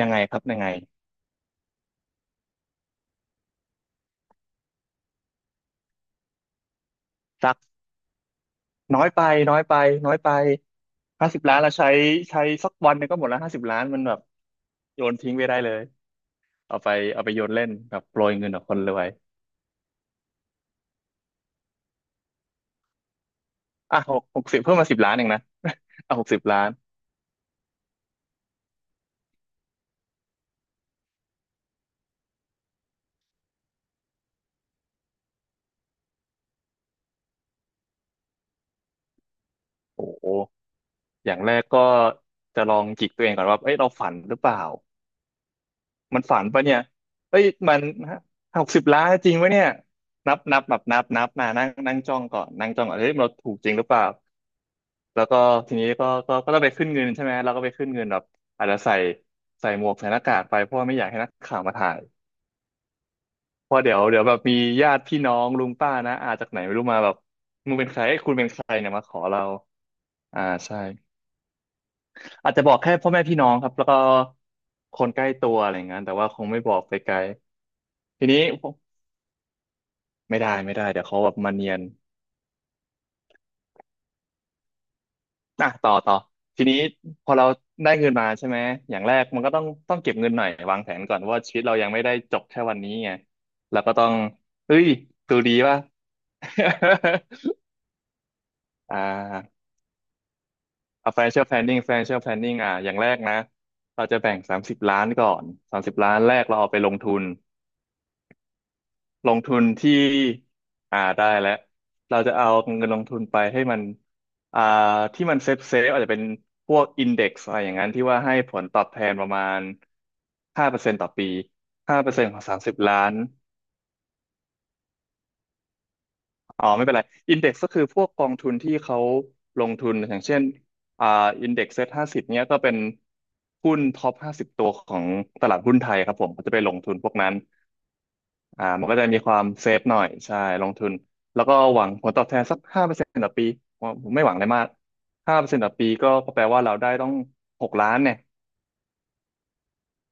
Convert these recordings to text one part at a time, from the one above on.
ยังไงครับยังไงสักน้อยไปน้อยไปน้อยไปห้าสิบล้านเราใช้ใช้สักวันหนึงก็หมดแล้วห้าสิบล้านมันแบบโยนทิ้งไปได้เลยเอาไปเอาไปโยนเล่นแบบโปรยเงินกับคนรวยอ่ะหกสิบเพิ่มมาสิบล้านเองนะ อ่ะ60,000,000โอ้โหอย่างแรกก็จะลองจิกตัวเองก่อนว่าเอ้ยเราฝันหรือเปล่ามันฝันปะเนี่ยเอ้ยมันหกสิบล้านจริงวะเนี่ยนับนับแบบนับนับมานั่งนั่งจ้องก่อนนั่งจ้องก่อนเฮ้ยเราถูกจริงหรือเปล่า แล้วก็ทีนี้ก็ต้องไปขึ้นเงินใช่ไหมเราก็ไปขึ้นเงินแบบอาจจะใส่ใส่หมวกใส่หน้ากากไปเพราะว่าไม่อยากให้นักข่าวมาถ่ายเพราะเดี๋ยวเดี๋ยวแบบมีญาติพี่น้องลุงป้านะอาจากไหนไม่รู้มาแบบมึงเป็นใครเอ้ยคุณเป็นใครเนี่ยมาขอเราอ่าใช่อาจจะบอกแค่พ่อแม่พี่น้องครับแล้วก็คนใกล้ตัวอะไรอย่างนั้นแต่ว่าคงไม่บอกไปไกลทีนี้ไม่ได้ไม่ได้เดี๋ยวเขาแบบมาเนียน อ่ะต่อต่อทีนี้พอเราได้เงินมาใช่ไหมอย่างแรกมันก็ต้องเก็บเงินหน่อยวางแผนก่อนว่าชีวิตเรายังไม่ได้จบแค่วันนี้ไงเราก็ต้องเฮ้ยดูดีป่ะ อ่าเอา financial planning อ่ะอย่างแรกนะเราจะแบ่งสามสิบล้านก่อนสามสิบล้านแรกเราเอาไปลงทุน ลงทุนที่อ่าได้แล้วเราจะเอาเงินลงทุนไปให้มันอ่าที่มันเซฟเซฟอาจจะเป็นพวกอินเด็กซ์อะไรอย่างนั้นที่ว่าให้ผลตอบแทนประมาณห้าเปอร์เซ็นต์ต่อปีห้าเปอร์เซ็นต์ของสามสิบล้านอ๋อไม่เป็นไรอินเด็กซ์ก็คือพวกกองทุนที่เขาลงทุนอย่างเช่นอ่าอินเด็กซ์เซ็ตห้าสิบเนี้ยก็เป็นหุ้นท็อปห้าสิบตัวของตลาดหุ้นไทยครับผมก็จะไปลงทุนพวกนั้น อ่ามันก็จะมีความเซฟหน่อยใช่ลงทุนแล้วก็หวังผลตอบแทนสักห้าเปอร์เซ็นต์ต่อปีผมไม่หวังอะไรมากห้าเปอร์เซ็นต์ต่อปีก็แปลว่าเราได้ต้อง6,000,000เนี่ย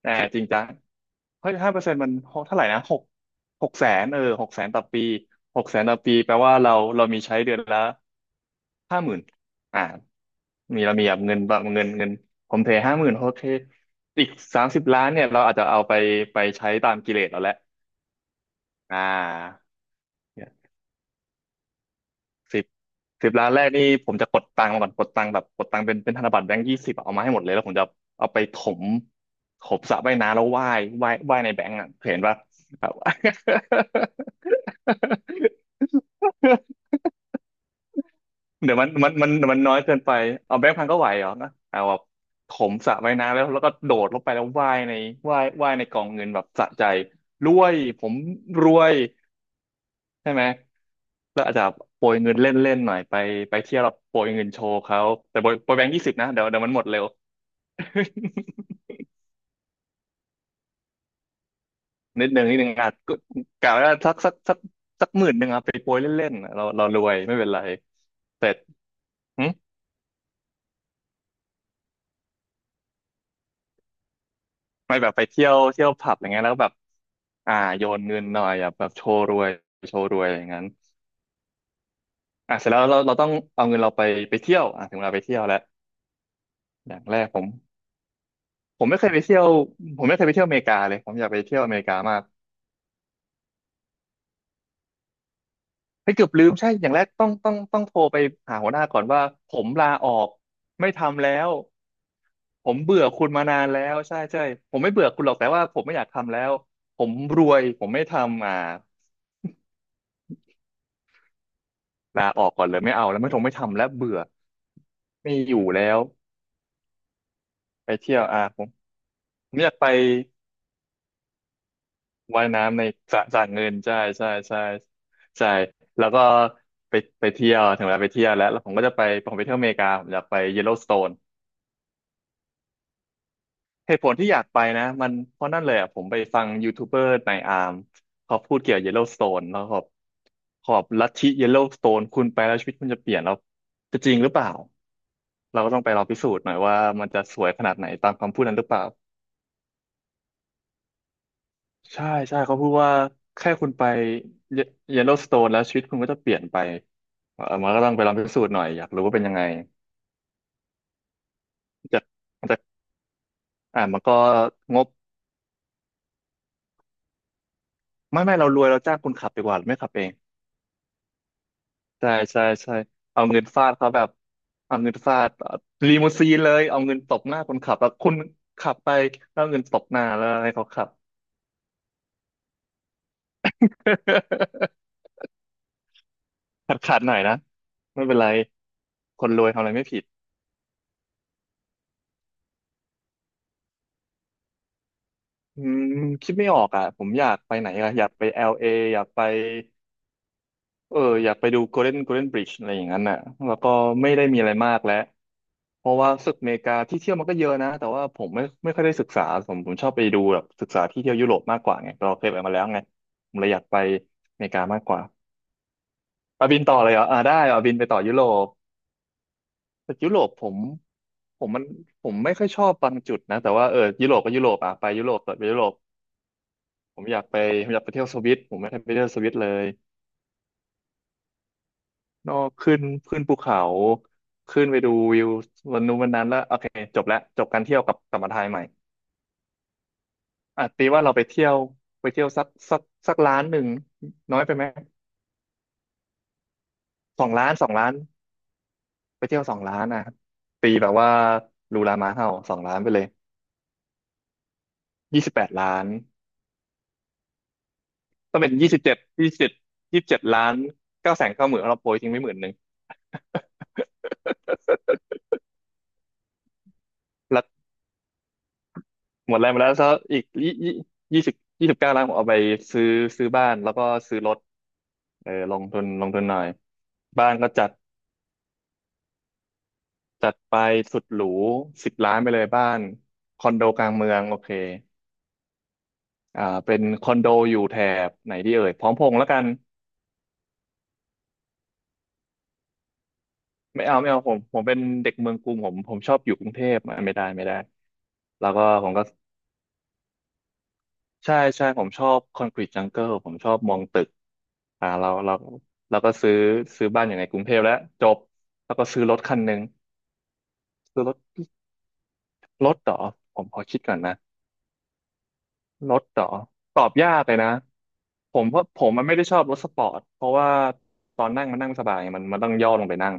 แต่จริงจังเฮ้ยห้าเปอร์เซ็นต์มันเท่าไหร่นะหกแสนเออหกแสนต่อปีหกแสนต่อปีแปลว่าเรามีใช้เดือนละห้าหมื่นอ่ามีเรามีแบบเงินแบบเงินเงินผมเทห้าหมื่นโอเคอีกสามสิบล้านเนี่ยเราอาจจะเอาไปไปใช้ตามกิเลสเราแหละอ่า สิบ10,000,000แรกนี่ผมจะกดตังค์มาก่อนกดตังค์แบบกดตังค์เป็นเป็นธนบัตรแบงค์ยี่สิบเอามาให้หมดเลยแล้วผมจะเอาไปถมถมสระว่ายน้ำแล้วว่ายว่ายว่ายในแบงค์อ่ะเห็นปะแบบ เดี๋ยวมันน้อยเกินไปเอาแบงค์พันก็ไหวเหรอนะเอาแบบถมสระว่ายน้ำแล้วแล้วก็โดดลงไปแล้วว่ายในว่ายว่ายในกองเงินแบบสะใจรวยผมรวยใช่ไหม แล้วอาจจะโปรยเงินเล่นๆหน่อยไปไปเที่ยวแร้โปรยเงินโชว์เขาแต่โปรยโปรยแบงค์ยี่สิบนะเดี๋ยวเดี๋ยวมันหมดเร็ว นิดนึงนิดนึงอาจก็กะว่าสัก10,000อะไปโปรยเล่นๆอะเรารวยไม่เป็นไรเสร็จหึไม่แบบไปเที่ยวเที่ยวผับอย่างเงี้ยแล้วแบบอ่าโยนเงินหน่อยอ่ะแบบโชว์รวยโชว์รวยอย่างนั้นอ่ะเสร็จแล้วเราต้องเอาเงินเราไปไปเที่ยวอ่ะถึงเวลาไปเที่ยวแล้วอย่างแรกผมผมไม่เคยไปเที่ยวผมไม่เคยไปเที่ยวอเมริกาเลยผมอยากไปเที่ยวอเมริกามาก ให้ยเกือบลืมใช่อย่างแรกต้องโทรไปหาหัวหน้าก่อนว่าผมลาออกไม่ทำแล้วผมเบื่อคุณมานานแล้วใช่ใช่ผมไม่เบื่อคุณหรอกแต่ว่าผมไม่อยากทำแล้วผมรวยผมไม่ทำอ่าลาออกก่อนเลยไม่เอาแล้วไม่ทงไม่ทำแล้วเบื่อไม่อยู่แล้วไปเที่ยวอ่าผมผมอยากไปว่ายน้ำในสระสระเงินใช่ใช่ใช่ใช่แล้วก็ไปไปเที่ยวถึงเวลาไปเที่ยวแล้วแล้วผมก็จะไปผมไปเที่ยวอเมริกาผมอยากไปเยลโลสโตน เหตุผลที่อยากไปนะมันเพราะนั่นเลยอ่ะผมไปฟังยูทูบเบอร์ในอาร์มเขาพูดเกี่ยวกับเยลโล w s สโตนแล้วขอบขอบลัทธิเยลโล w s สโตนคุณไปแล้วชีวิตคุณจะเปลี่ยนแล้วจะจริงหรือเปล่าเราก็ต้องไปลองพิสูจน์หน่อยว่ามันจะสวยขนาดไหนตามคำพูดนั้นหรือเปล่าใช่ใช่เขาพูดว่าแค่คุณไปเยลโล w s สโตนแล้วชีวิตคุณก็จะเปลี่ยนไปเออมันก็ต้องไปลองพิสูจน์หน่อยอยากรู้ว่าเป็นยังไงจะจะมันก็งบไม่เรารวยเราจ้างคุณขับดีกว่าไม่ขับเอง ใช่ใช่ใช่เอาเงินฟาดเขาแบบเอาเงินฟาดลีมูซีนเลยเอาเงินตบหน้าคนขับแล้วคุณขับไปแล้วเอาเงินตบหน้าแล้วให้เขาขับ ขาดขาดหน่อยนะไม่เป็นไรคนรวยทำอะไรไม่ผิดอืมคิดไม่ออกอ่ะผมอยากไปไหนอ่ะอยากไป LA อลเออยากไปเอออยากไปดู Golden Golden Bridge อะไรอย่างนั้นน่ะแล้วก็ไม่ได้มีอะไรมากแล้ว เพราะว่ารู้สึกอเมริกาที่เที่ยวมันก็เยอะนะแต่ว่าผมไม่ค่อยได้ศึกษาผมชอบไปดูแบบศึกษาที่เที่ยวยุโรปมากกว่าไงเราเคยไปมาแล้วไงผมเลยอยากไปอเมริกามากกว่าเอาบินต่อเลยเหรอได้เอาบินไปต่อยุโรปแต่ยุโรปผมผมมันผมไม่ค่อยชอบบางจุดนะแต่ว่าเออยุโรปก็ยุโรปอ่ะไปยุโรปต่อไปยุโรปผมอยากไปผมอยากไปเที่ยวสวิตผมไม่ได้ไปเที่ยวสวิตเลยนอกขึ้นขึ้นภูเขาขึ้นไปดูวิววันนู้นวันนั้นแล้วโอเคจบแล้วจบการเที่ยวกลับมาไทยใหม่ อ่ะตีว่าเราไปเที่ยวไปเที่ยวสักสักสักล้านหนึ่งน้อยไปไหมสองล้านสองล้านไปเที่ยวสองล้านอ่ะตีแบบว่าลูลามาเห่าสองล้านไปเลย28,000,000ต้องเป็นยี่สิบเจ็ดยี่สิบเจ็ด27,000,000900,00090,000เราโปรยทิ้งไว้10,000 แล้วหมดแรงไปแล้วซะอีกยี่สิบ29,000,000ผมเอาไปซื้อซื้อบ้านแล้วก็ซื้อรถเออลงทุนลงทุนหน่อยบ้านก็จัด จัดไปสุดหรูสิบล้านไปเลยบ้านคอนโดกลางเมืองโอเคเป็นคอนโดอยู่แถบไหนดีเอ่ยพร้อมพงษ์แล้วกันไม่เอาไม่เอาผมผมเป็นเด็กเมืองกรุงผมชอบอยู่กรุงเทพอ่ะไม่ได้ไม่ได้แล้วก็ผมก็ใช่ใช่ผมชอบคอนกรีตจังเกิลผมชอบมองตึกเราเราก็ซื้อบ้านอยู่ในกรุงเทพแล้วจบแล้วก็ซื้อรถคันหนึ่งซื้อรถรถเหรอผมขอคิดก่อนนะ รถเหรอตอบยากเลยนะผมเพราะผมมันไม่ได้ชอบรถสปอร์ตเพราะว่าตอนนั่งมันนั่งไม่สบายไงมันมันต้องย่อลงไปนั่ง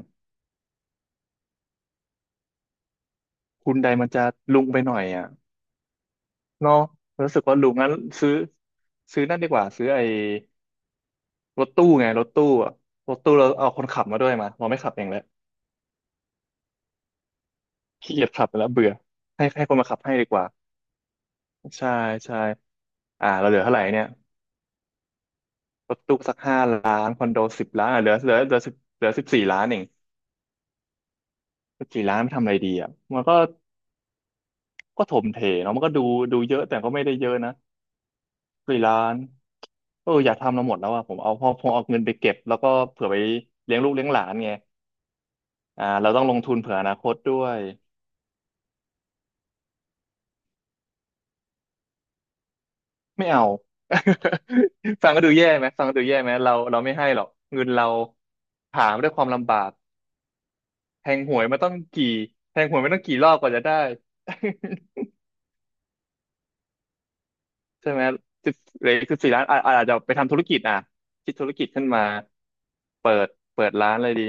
คุณใดมันจะลุงไปหน่อยอ่ะเนาะรู้สึกว่าลุงงั้นซื้อซื้อนั่นดีกว่าซื้อไอ้รถตู้ไงรถตู้อ่ะรถตู้เราเอาคนขับมาด้วยมาเราไม่ขับเองแล้วขี้เกียจขับแล้วเบื่อให้คนมาขับให้ดีกว่าใช่ใช่เราเหลือเท่าไหร่เนี่ยรถตู้สัก5,000,000คอนโดสิบล้านอ่ะเหลือสิบเหลือสิบสี่ล้านเองสิบสี่ล้านไปทำอะไรดีอ่ะมันก็ ก็ถมเทเนาะมันก็ดูดูเยอะแต่ก็ไม่ได้เยอะนะสี่ล้านเอออยากทำเราหมดแล้วอะผมเอาพอพอเอาเงินไปเก็บแล้วก็เผื่อไปเลี้ยงลูกเลี้ยงหลานไงเราต้องลงทุนเผื่ออนาคตด้วยไม่เอา ฟังก็ดูแย่ไหมฟังก็ดูแย่ไหมเราไม่ให้หรอกเงินเราหามาด้วยความลำบากแทงหวยมาต้องกี่แทงหวยมาต้องกี่รอบกว่าจะได้ ใช่ไหมสิบเหลืออีกสิบสี่ล้านอาจจะไปทำธุรกิจอ่ะคิดธุรกิจขึ้นมาเปิดเปิดร้านเลยดี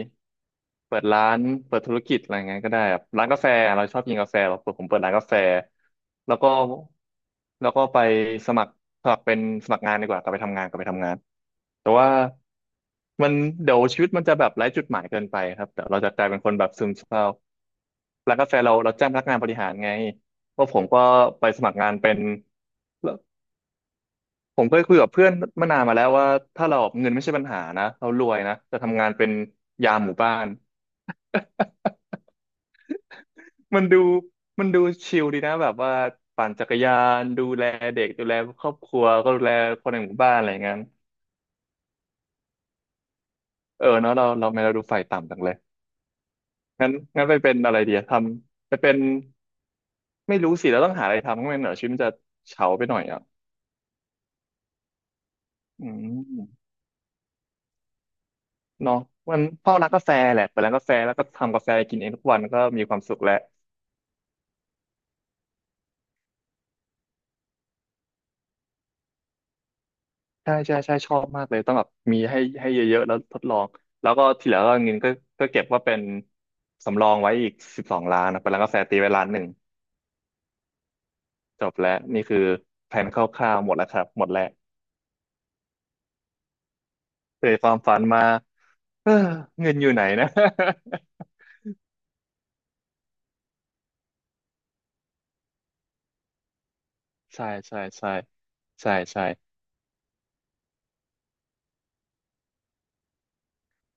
เปิดร้านเปิดธุรกิจอะไรเงี้ยก็ได้แบบร้านกาแฟเราชอบกินกาแฟเราเปิดผมเปิดร้านกาแฟแล้วก็แล้วก็ไปสมัครสมัครเป็นสมัครงานดีกว่ากลับไปทำงานกลับไปทำงานแต่ว่ามันเดี๋ยวชีวิตมันจะแบบไร้จุดหมายเกินไปครับเดี๋ยวเราจะกลายเป็นคนแบบซึมเศร้าร้านกาแฟเราจ้างพนักงานบริหารไงว่าผมก็ไปสมัครงานเป็น ผมเคยคุยกับเพื่อนเมื่อนานมาแล้วว่าถ้าเราเงินไม่ใช่ปัญหานะเรารวยนะแต่ทำงานเป็นยามหมู่บ้าน มันดูมันดูชิลดีนะแบบว่าปั่นจักรยานดูแลเด็กดูแลครอบครัวก็ดูแลคนในหมู่บ้านอะไรอย่างนั้นเออเนาะเราไม่เราดูฝ่ายต่ำจังเลยงั้นงั้นไปเป็นอะไรดีอะทำไปเป็นไม่รู้สิเราต้องหาอะไรทำก็ไม่งั้นเดี๋ยวชีวิตมันจะเฉาไปหน่อยอ่ะอืมเนาะมันพ่อร้านกาแฟแหละเปิดร้านกาแฟแล้วก็ทำกาแฟกินเองทุกวันก็มีความสุขแล้ว ใช่ใช่ใช่ชอบมากเลยต้องแบบมีให้เยอะๆแล้วทดลองแล้วก็ทีเหลังก็เงินก็ก็เก็บว่าเป็นสำรองไว้อีก12,000,000นะไปร้านกาแฟตีไว้ล้านหนึ่งจบแล้วนี่คือแผนคร่าวๆหมดแล้วครับหมดแล้วเกิดความฝันมา เออเงินอยู่ไหนนะ ใช่ใช่ใช่ใช่ใช่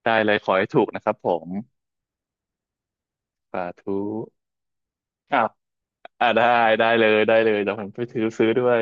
ได้เลยขอให้ถูกนะครับผมสาธุอ้าวได้ได้เลยได้เลยเดี๋ยวผมไปถือซื้อด้วย